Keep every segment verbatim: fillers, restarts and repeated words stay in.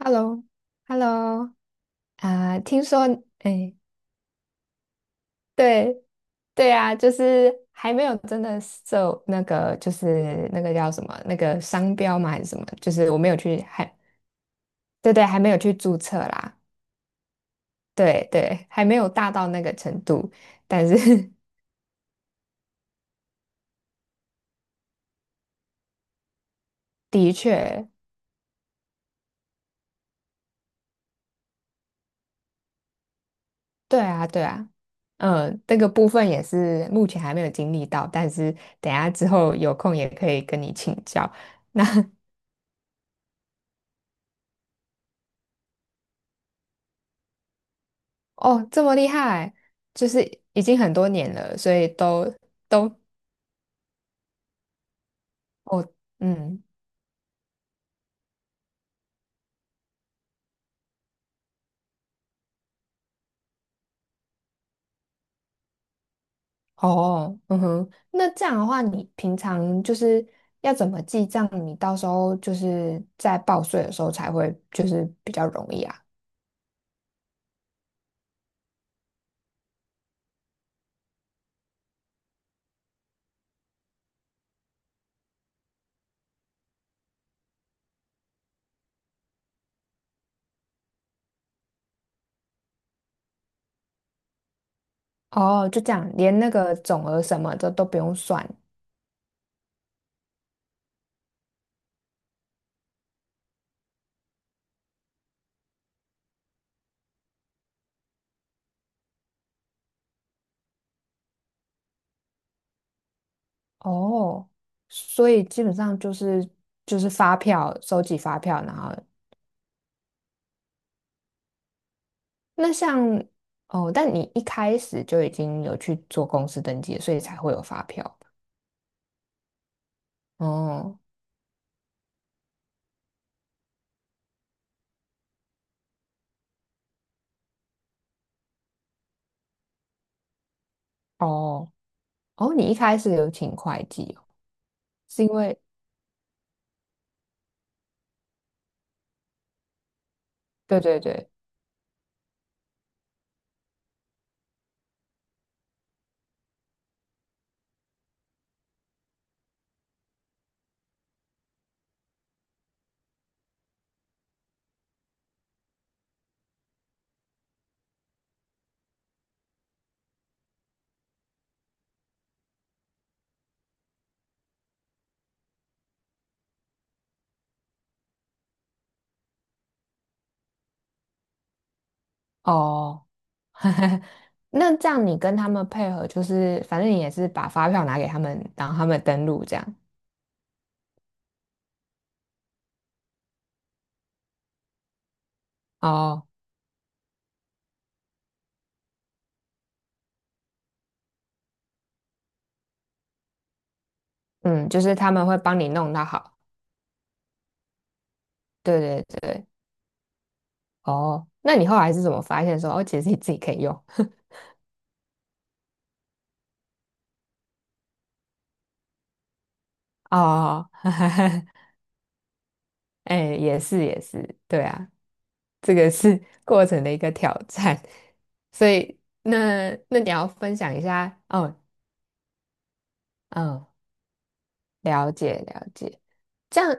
Hello,Hello,啊，听说，哎，对，对啊，就是还没有真的受那个，就是那个叫什么，那个商标嘛还是什么，就是我没有去，还，对对，还没有去注册啦，对对，还没有大到那个程度，但是 的确，对啊，对啊，嗯，那个部分也是目前还没有经历到，但是等一下之后有空也可以跟你请教。哦，这么厉害，就是已经很多年了，所以都都哦，嗯，哦，嗯哼，那这样的话，你平常就是要怎么记账？你到时候就是在报税的时候才会就是比较容易啊。哦，就这样，连那个总额什么的都不用算哦，所以基本上就是就是发票，收集发票，然后那像哦，但你一开始就已经有去做公司登记了所以才会有发票吧哦哦哦，你一开始有请会计哦是因为对对对哦，那这样你跟他们配合，就是反正你也是把发票拿给他们，让他们登录这样。哦，嗯，就是他们会帮你弄到好。对对对，哦，那你后来是怎么发现说哦，其实你自己可以用？哦，哎，也是也是，对啊。这个是 过程的一个挑战。所以，那那你要分享一下，哦，嗯，了解了解，这样，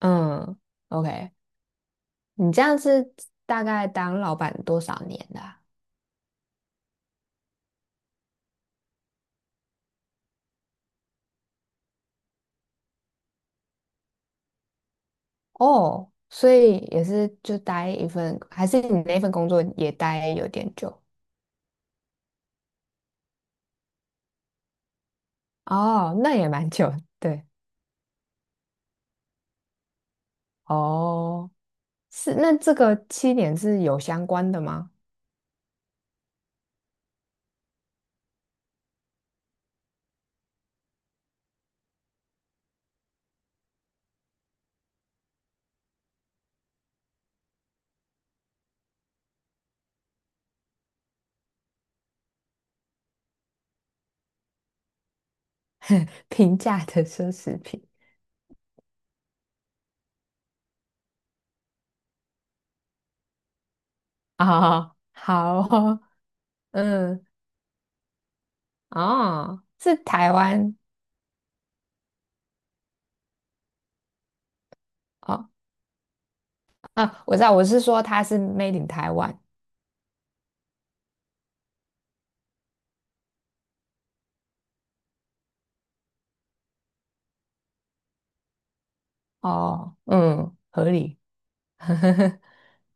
嗯，OK,你这样是大概当老板多少年的啊？哦，所以也是就待一份，还是你那份工作也待有点久？哦，那也蛮久的，对，哦，是，那这个七年是有相关的吗？平价的奢侈品啊，好哦嗯，哦，是台湾哦，啊，我知道，我是说它是 made in 台湾哦，嗯，合理。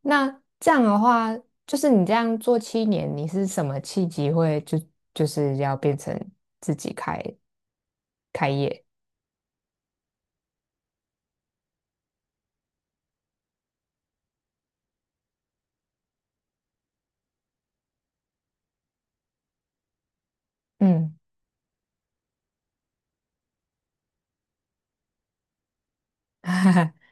那这样的话，就是你这样做七年，你是什么契机会就就是要变成自己开开业？嗯，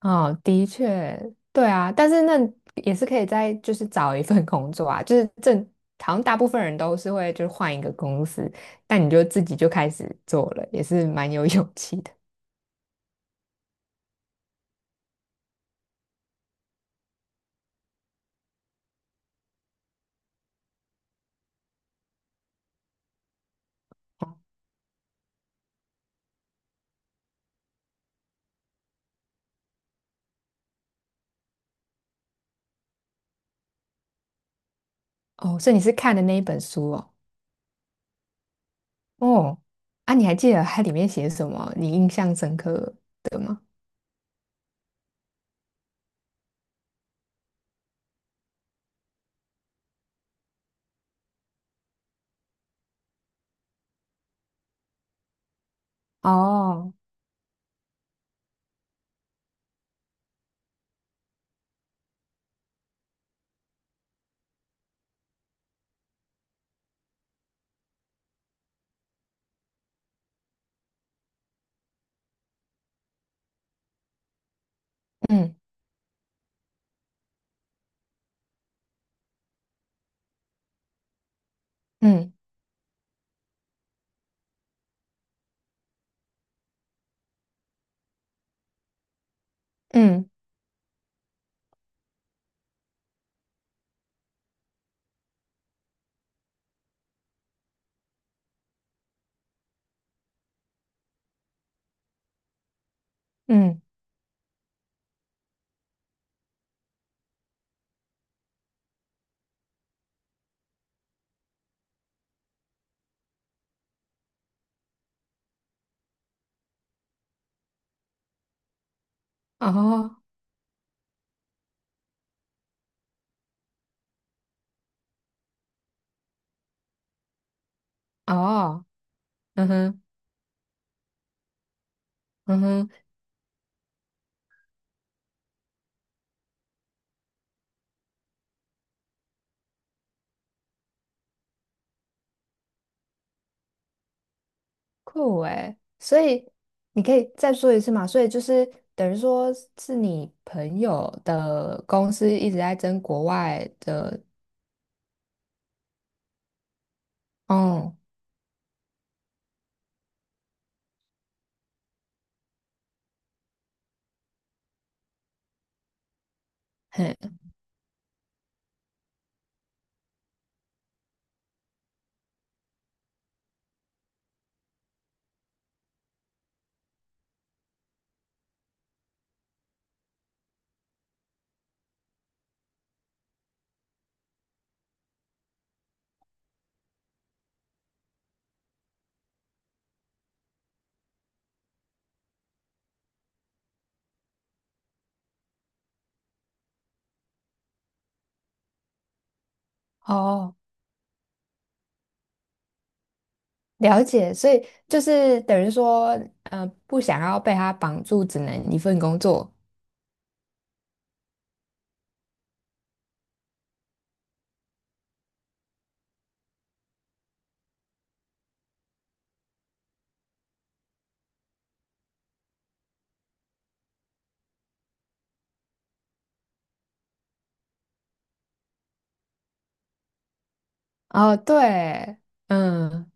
哦，的确，对啊，但是那也是可以再就是找一份工作啊，就是正好像大部分人都是会就是换一个公司，但你就自己就开始做了，也是蛮有勇气的。哦，所以你是看的那一本书哦，哦，啊，你还记得它里面写什么？你印象深刻的吗？哦，嗯嗯嗯嗯，哦哦，嗯哼嗯哼。酷诶，所以你可以再说一次嘛？所以就是等于说是你朋友的公司一直在争国外的，哦，嘿，哦，了解。所以就是等于说，嗯，不想要被他绑住，只能一份工作。哦，对，嗯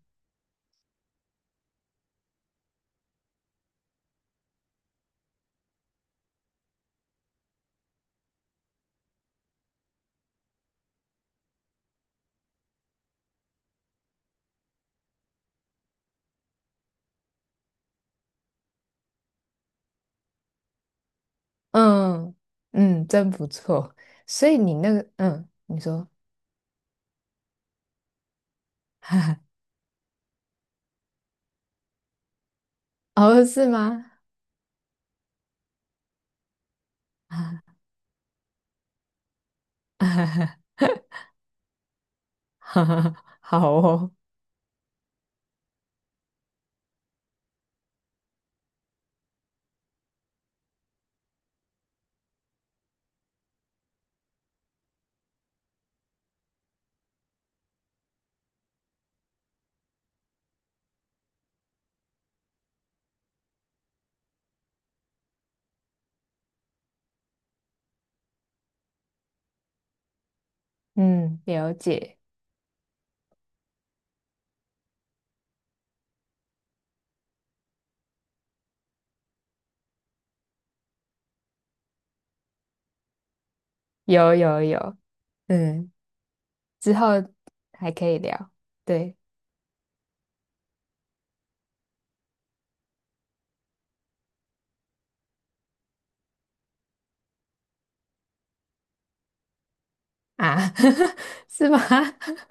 嗯嗯，真不错。所以你那个，嗯，你说，哦，是吗？哈哈好哦。嗯，了解，有有有，嗯，之后还可以聊，对啊，是吗？